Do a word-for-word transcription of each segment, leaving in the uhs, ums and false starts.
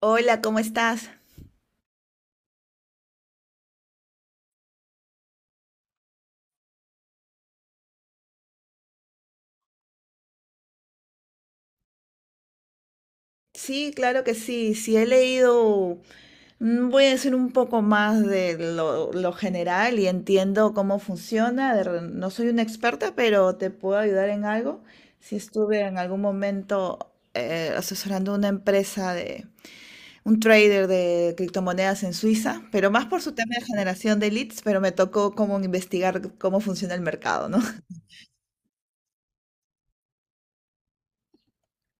Hola, ¿cómo estás? Sí, claro que sí. Sí, he leído, mm, voy a decir un poco más de lo, lo general y entiendo cómo funciona. De re- no soy una experta, pero te puedo ayudar en algo. Si estuve en algún momento eh, asesorando una empresa de un trader de criptomonedas en Suiza, pero más por su tema de generación de leads, pero me tocó como investigar cómo funciona el mercado, ¿no?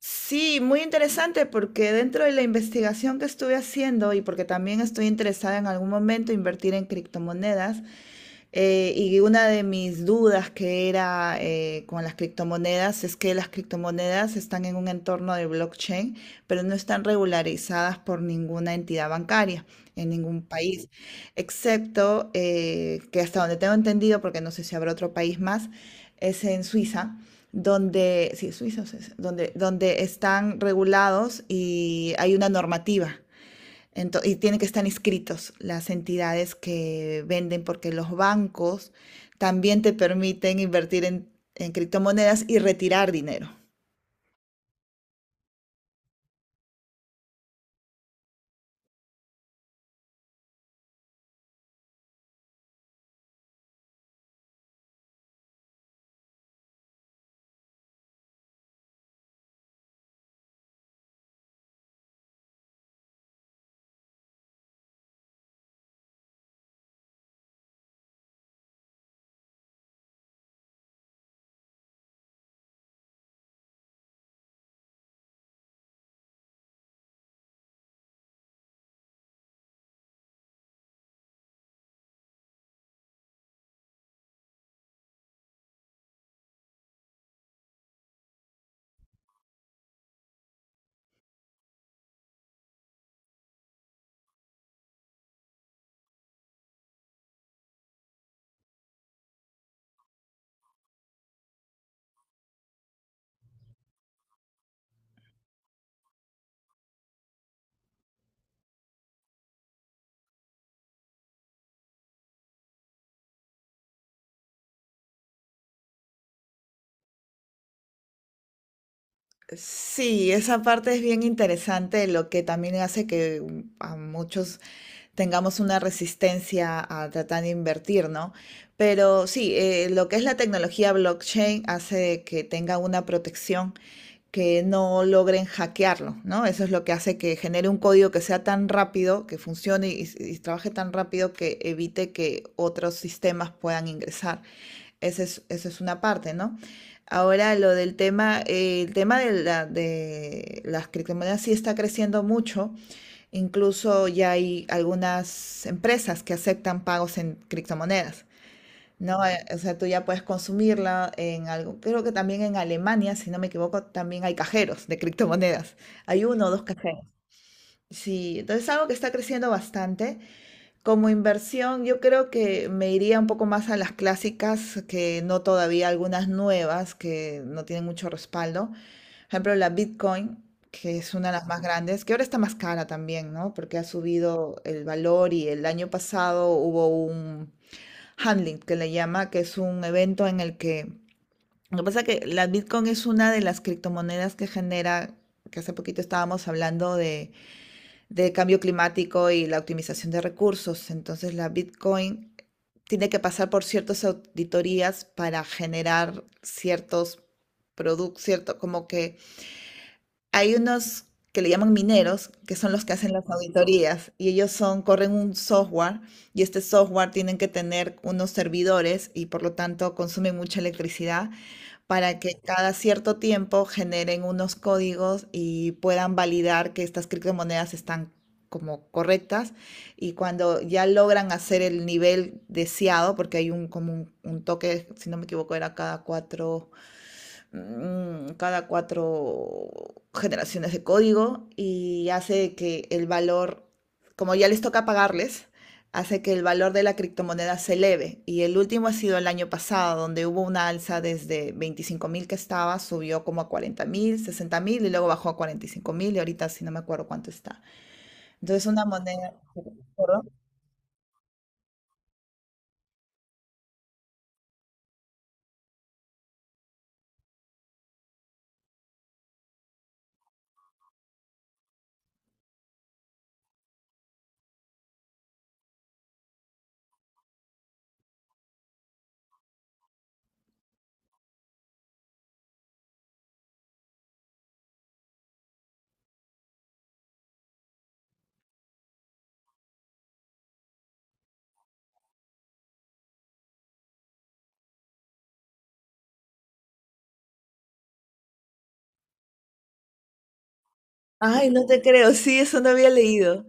Sí, muy interesante porque dentro de la investigación que estuve haciendo y porque también estoy interesada en algún momento invertir en criptomonedas. Eh, y una de mis dudas que era eh, con las criptomonedas es que las criptomonedas están en un entorno de blockchain, pero no están regularizadas por ninguna entidad bancaria en ningún país, excepto eh, que hasta donde tengo entendido, porque no sé si habrá otro país más, es en Suiza, donde, sí, Suiza, o sea, donde, donde están regulados y hay una normativa. Ento- y tienen que estar inscritos las entidades que venden porque los bancos también te permiten invertir en, en criptomonedas y retirar dinero. Sí, esa parte es bien interesante, lo que también hace que, mm, a muchos tengamos una resistencia a tratar de invertir, ¿no? Pero sí, eh, lo que es la tecnología blockchain hace que tenga una protección que no logren hackearlo, ¿no? Eso es lo que hace que genere un código que sea tan rápido, que funcione y, y trabaje tan rápido que evite que otros sistemas puedan ingresar. Esa es, esa es una parte, ¿no? Ahora lo del tema, eh, el tema de, la, de las criptomonedas sí está creciendo mucho. Incluso ya hay algunas empresas que aceptan pagos en criptomonedas, ¿no? Eh, O sea, tú ya puedes consumirla en algo. Creo que también en Alemania, si no me equivoco, también hay cajeros de criptomonedas. Hay uno o dos cajeros. Sí, entonces es algo que está creciendo bastante. Como inversión, yo creo que me iría un poco más a las clásicas, que no todavía algunas nuevas que no tienen mucho respaldo, ejemplo, la Bitcoin, que es una de las más grandes, que ahora está más cara también, ¿no? Porque ha subido el valor y el año pasado hubo un handling que le llama, que es un evento en el que... Lo que pasa es que la Bitcoin es una de las criptomonedas que genera, que hace poquito estábamos hablando de, de cambio climático y la optimización de recursos. Entonces la Bitcoin tiene que pasar por ciertas auditorías para generar ciertos productos, cierto, como que hay unos que le llaman mineros, que son los que hacen las auditorías, y ellos son, corren un software, y este software tienen que tener unos servidores y por lo tanto consumen mucha electricidad para que cada cierto tiempo generen unos códigos y puedan validar que estas criptomonedas están como correctas, y cuando ya logran hacer el nivel deseado, porque hay un como un, un toque, si no me equivoco, era cada cuatro mm, cada cuatro generaciones de código y hace que el valor, como ya les toca pagarles, hace que el valor de la criptomoneda se eleve. Y el último ha sido el año pasado, donde hubo una alza desde veinticinco mil que estaba, subió como a cuarenta mil, sesenta mil y luego bajó a cuarenta y cinco mil y ahorita sí no me acuerdo cuánto está. Entonces una moneda... ¿Perdón? Ay, no te creo, sí, eso no había leído.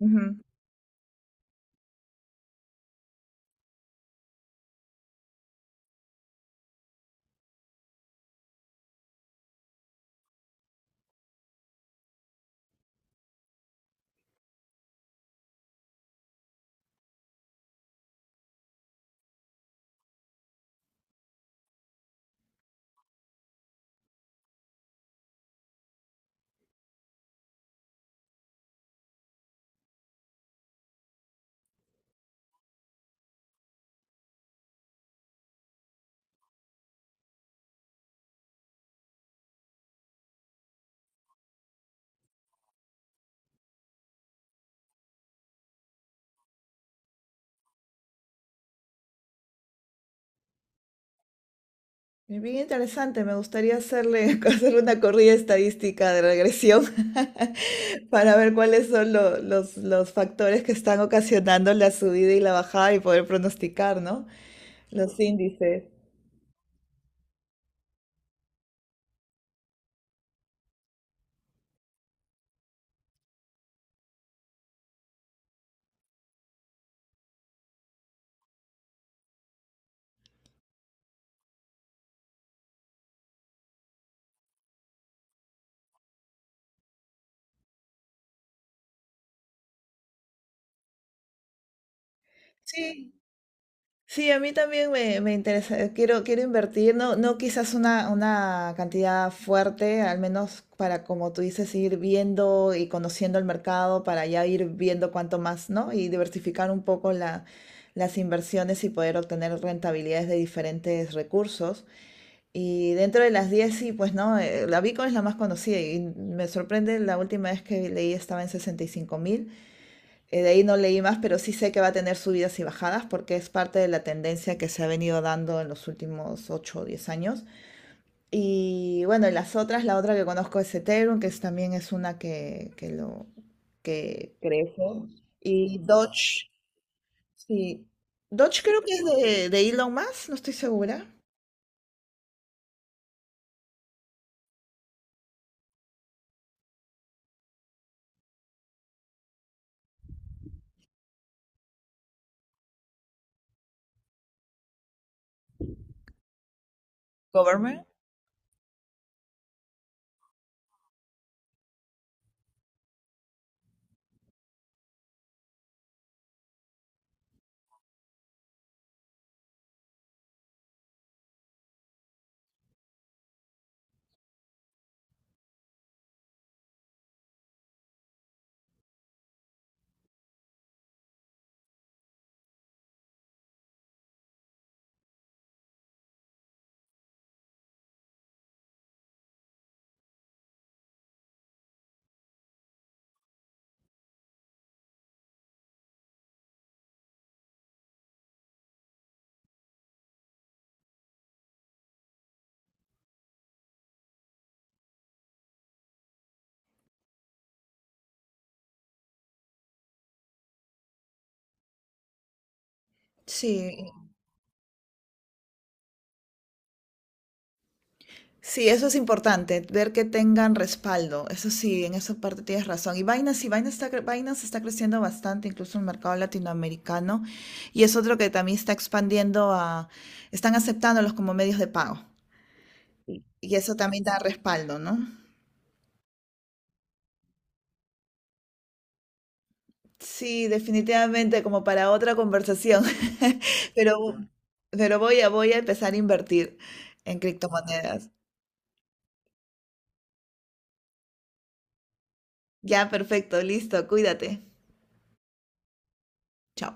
Ujú. Es bien interesante, me gustaría hacerle, hacerle una corrida estadística de regresión para ver cuáles son lo- los, los factores que están ocasionando la subida y la bajada y poder pronosticar, ¿no? Los índices. Sí, sí, a mí también me, me interesa, quiero, quiero invertir, no, no quizás una, una cantidad fuerte, al menos para, como tú dices, ir viendo y conociendo el mercado, para ya ir viendo cuánto más, ¿no? Y diversificar un poco la, las inversiones y poder obtener rentabilidades de diferentes recursos. Y dentro de las diez sí, pues no. Eh, la Bitcoin es la más conocida y me sorprende, la última vez que leí estaba en sesenta y cinco mil eh, de ahí no leí más, pero sí sé que va a tener subidas y bajadas porque es parte de la tendencia que se ha venido dando en los últimos ocho o diez años. Y bueno, y las otras, la otra que conozco es Ethereum, que es, también es una que, que lo que crece. Y Doge, sí. Doge creo que es de, de Elon Musk, no estoy segura. Government. Sí, sí, eso es importante, ver que tengan respaldo. Eso sí, en esa parte tienes razón. Y Binance, sí, Binance está, cre- Binance está creciendo bastante, incluso en el mercado latinoamericano. Y es otro que también está expandiendo a, están aceptándolos como medios de pago. Sí. Y eso también da respaldo, ¿no? Sí, definitivamente, como para otra conversación. Pero, Ujú. Pero voy a, voy a empezar a invertir en criptomonedas. Ya, perfecto, listo, cuídate. Chao.